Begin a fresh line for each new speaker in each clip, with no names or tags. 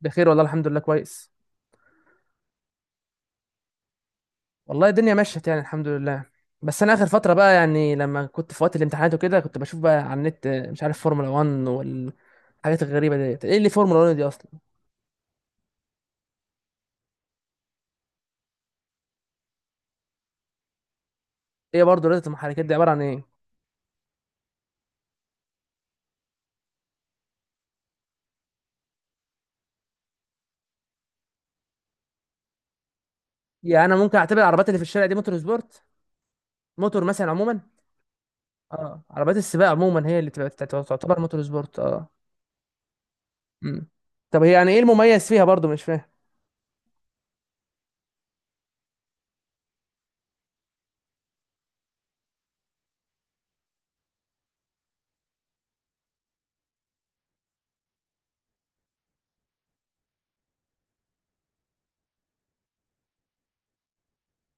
بخير والله، الحمد لله، كويس. والله الدنيا مشت يعني الحمد لله. بس انا اخر فتره بقى، يعني لما كنت في وقت الامتحانات وكده كنت بشوف بقى على النت، مش عارف فورمولا 1 والحاجات الغريبه ديت. ايه اللي فورمولا 1 دي اصلا؟ ايه برضه رياضه المحركات دي؟ عباره عن ايه؟ يعني انا ممكن اعتبر العربيات اللي في الشارع دي موتور سبورت؟ موتور مثلا عموما. اه، عربيات السباق عموما هي اللي تبقى تعتبر موتور سبورت، اه. امم. طب هي يعني ايه المميز فيها برضه؟ مش فاهم.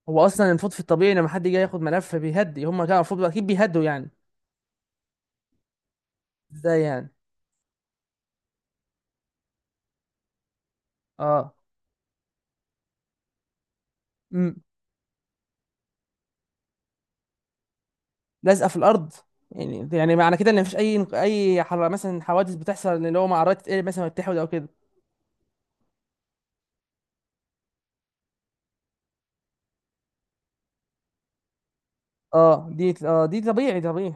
هو اصلا المفروض في الطبيعي، لما حد يجي ياخد ملف بيهدي، هم كانوا المفروض اكيد بيهدوا يعني. ازاي يعني؟ اه. امم. لازقه في الارض. يعني معنى كده ان مفيش اي مثلا حوادث بتحصل، اللي هو مع عربيات تتقلب مثلا وتتحود او كده؟ اه، دي طبيعي طبيعي.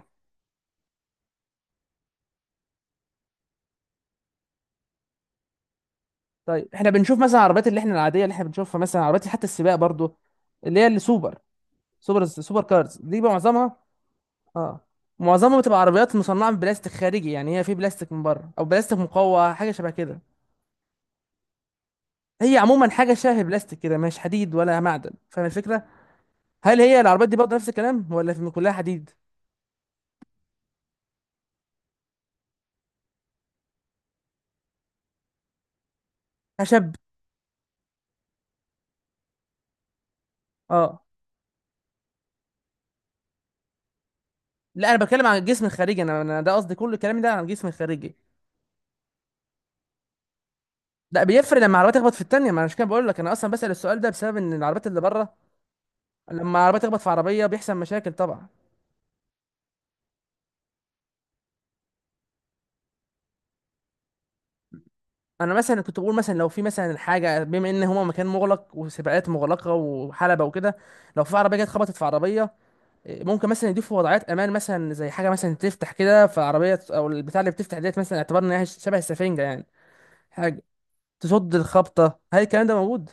طيب احنا بنشوف مثلا العربيات اللي احنا العاديه، اللي احنا بنشوفها، مثلا عربيات حتى السباق برضو، اللي هي السوبر سوبر كارز دي بقى معظمها. اه. معظمها بتبقى عربيات مصنعه من بلاستيك خارجي، يعني هي في بلاستيك من بره او بلاستيك مقوى حاجه شبه كده. هي عموما حاجه شبه بلاستيك كده، مش حديد ولا معدن، فاهم الفكره؟ هل هي العربيات دي برضه نفس الكلام ولا في كلها حديد؟ خشب؟ اه. لا، انا بتكلم عن الجسم الخارجي، انا ده قصدي، كل كلامي ده عن الجسم الخارجي. لا، بيفرق لما العربيه تخبط في التانيه. ما انا مش كده بقول لك، انا اصلا بسأل السؤال ده بسبب ان العربيات اللي بره لما العربيه تخبط في عربيه بيحصل مشاكل طبعا. انا مثلا كنت بقول، مثلا لو في مثلا حاجه، بما ان هما مكان مغلق وسباقات مغلقه وحلبه وكده، لو في عربيه جت خبطت في عربيه، ممكن مثلا يضيفوا وضعيات امان، مثلا زي حاجه مثلا تفتح كده فعربيه، او البتاع اللي بتفتح ديت، مثلا اعتبرنا انها شبه السفنجه يعني، حاجه تصد الخبطه. هل الكلام ده موجود؟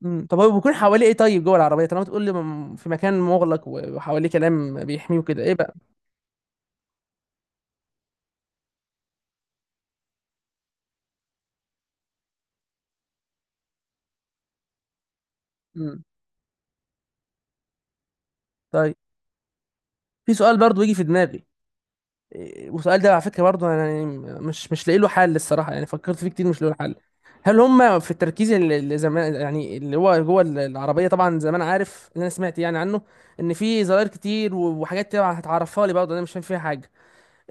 مم. طب هو بيكون حواليه ايه طيب جوه العربيه، طالما تقول لي في مكان مغلق وحواليه كلام بيحميه وكده، ايه بقى؟ مم. طيب، في سؤال برضو يجي في دماغي. والسؤال ده على فكره برضو، انا يعني مش لاقي له حل الصراحه، يعني فكرت فيه كتير مش لاقي له حل. هل هم في التركيز اللي زمان، يعني اللي هو جوه العربيه، طبعا زمان عارف اللي انا سمعت يعني عنه، ان في زراير كتير وحاجات تبع هتعرفها لي برضه، انا مش فاهم فيها حاجه.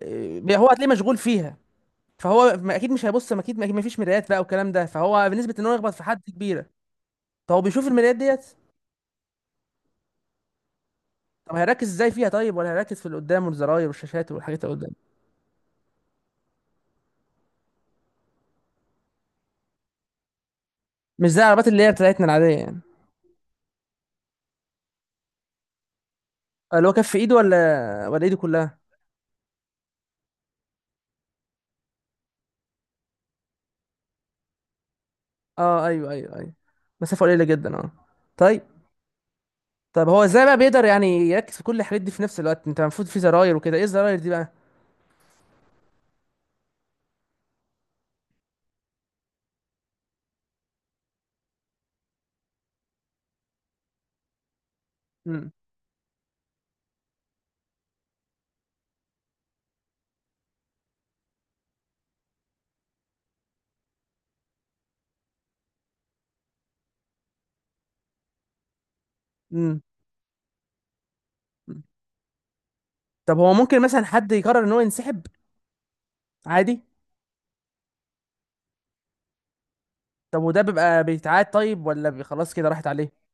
هو هتلاقيه مشغول فيها، فهو اكيد مش هيبص، ما اكيد ما فيش مرايات بقى والكلام ده، فهو بنسبه ان هو يخبط في حد كبيره. فهو بيشوف المرايات ديت؟ طب هيركز ازاي فيها طيب، ولا هيركز في اللي قدامه والزراير والشاشات والحاجات اللي قدامه؟ مش زي العربيات اللي هي بتاعتنا العاديه يعني؟ اللي هو كف ايده ولا ايده كلها؟ اه، ايوه ايوه ايوه. مسافه قليله جدا، اه. طيب. طب هو ازاي بقى بيقدر يعني يركز في كل الحاجات دي في نفس الوقت؟ انت المفروض في زراير وكده، ايه الزراير دي بقى؟ امم. امم. طب هو ممكن مثلا حد يقرر ان هو ينسحب عادي؟ طب وده بيبقى بيتعاد طيب، ولا خلاص كده راحت عليه؟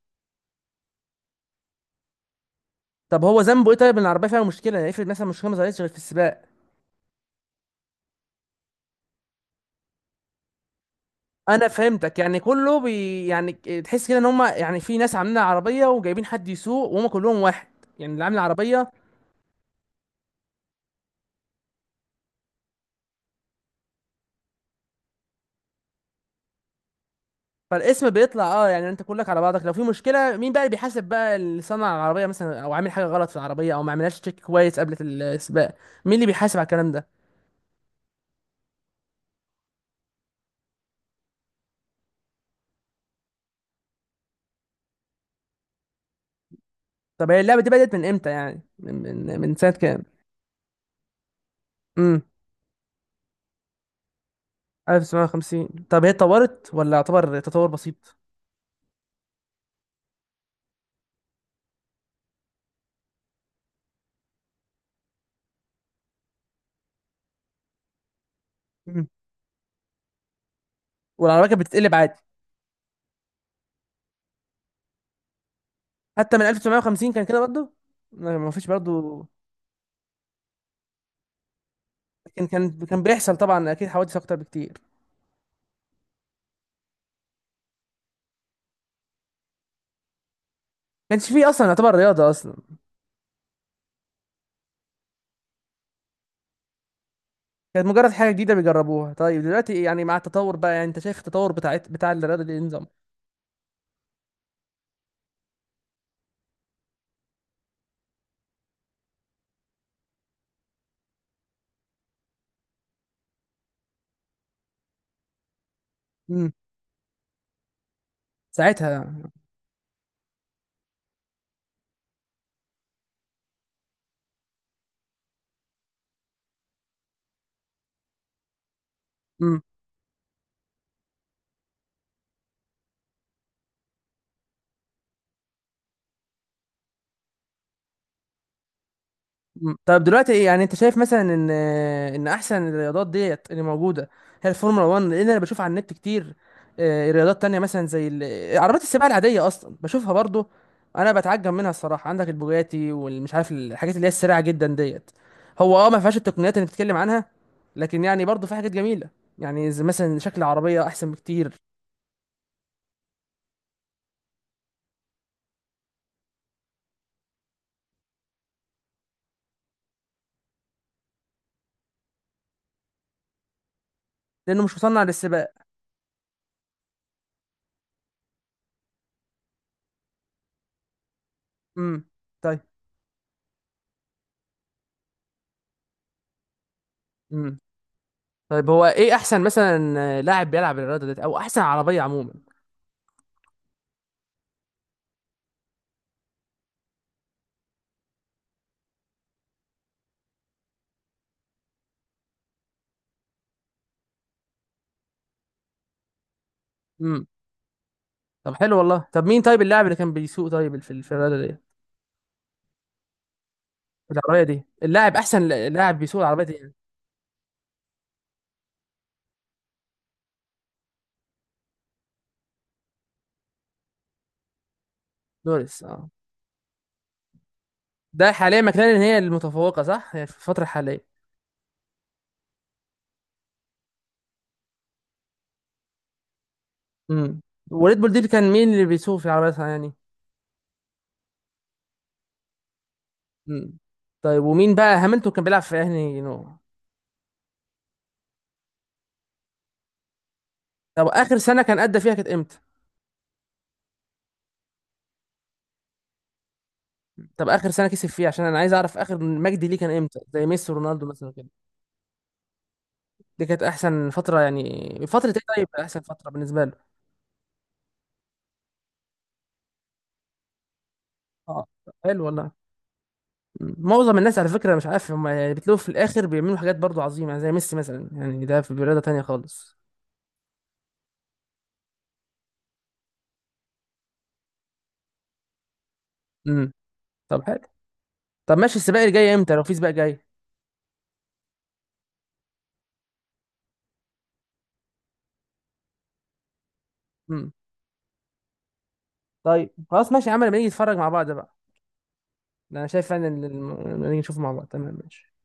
طب هو ذنبه ايه طيب ان العربيه فيها مشكله؟ يعني افرض مثلا مشكله ما ظهرتش غير في السباق. انا فهمتك، يعني كله بي يعني، تحس كده ان هم يعني في ناس عاملين عربيه وجايبين حد يسوق وهم كلهم واحد، يعني اللي عامل العربيه فالاسم بيطلع اه، يعني انت كلك على بعضك، لو في مشكله مين بقى اللي بيحاسب؟ بقى اللي صنع العربيه مثلا، او عامل حاجه غلط في العربيه، او ما عملهاش تشيك كويس قبل السباق؟ مين اللي بيحاسب على الكلام ده؟ طب هي اللعبه دي بدات من امتى يعني، من سنه كام؟ امم. 1950؟ طب هي اتطورت ولا يعتبر تطور بسيط؟ مم. والعربيه كانت بتتقلب عادي حتى من 1950؟ كان كده برضه؟ ما فيش برضه. لكن كان بيحصل طبعا اكيد حوادث اكتر بكتير. ما كانش فيه اصلا يعتبر رياضه اصلا، كانت مجرد حاجه جديده بيجربوها. طيب دلوقتي يعني، مع التطور بقى، يعني انت شايف التطور بتاع الرياضه دي إيه نظام؟ امم. ساعتها. امم. مم. طب دلوقتي ايه، يعني انت شايف مثلا ان احسن الرياضات ديت اللي موجوده هي الفورمولا 1؟ لان انا بشوف على النت كتير، رياضات تانية مثلا زي عربيات السباق العاديه اصلا بشوفها برضو، انا بتعجب منها الصراحه. عندك البوجاتي والمش عارف الحاجات اللي هي السريعه جدا ديت، هو ما فيهاش التقنيات اللي بتتكلم عنها، لكن يعني برضو في حاجات جميله، يعني زي مثلا شكل العربيه احسن بكتير، لانه مش مصنع للسباق. امم. طيب. امم. طيب هو ايه احسن مثلا، لاعب بيلعب الرياضه ديت؟ او احسن عربيه عموما؟ طب حلو والله. طب مين طيب اللاعب اللي كان بيسوق طيب في في الرياضه دي؟ العربيه دي اللاعب، احسن لاعب بيسوق العربيه دي يعني؟ لوريس، اه. ده حاليا مكلارين هي المتفوقه صح، هي في الفتره الحاليه؟ امم. وريد بول دي كان مين اللي بيسوق في العربيه يعني؟ امم. طيب، ومين بقى هاملتون كان بيلعب في انهي نوع؟ طب اخر سنه كان ادى فيها كانت امتى؟ طب اخر سنه كسب فيها عشان انا عايز اعرف اخر مجدي ليه كان امتى، زي ميسي ورونالدو مثلا كده؟ دي كانت احسن فتره؟ يعني فتره ايه طيب احسن فتره بالنسبه له؟ اه، حلو والله. معظم الناس على فكرة، مش عارف هم يعني، بتلاقوا في الآخر بيعملوا حاجات برضو عظيمة، يعني زي ميسي مثلا يعني ده في رياضة تانية خالص. امم. طب حلو. طب ماشي، السباق اللي جاي امتى لو في سباق جاي؟ امم. طيب خلاص، ماشي يا عم، لما نيجي نتفرج مع بعض بقى. ده انا شايف فعلا إن لما نيجي نشوف مع بعض تمام، ماشي.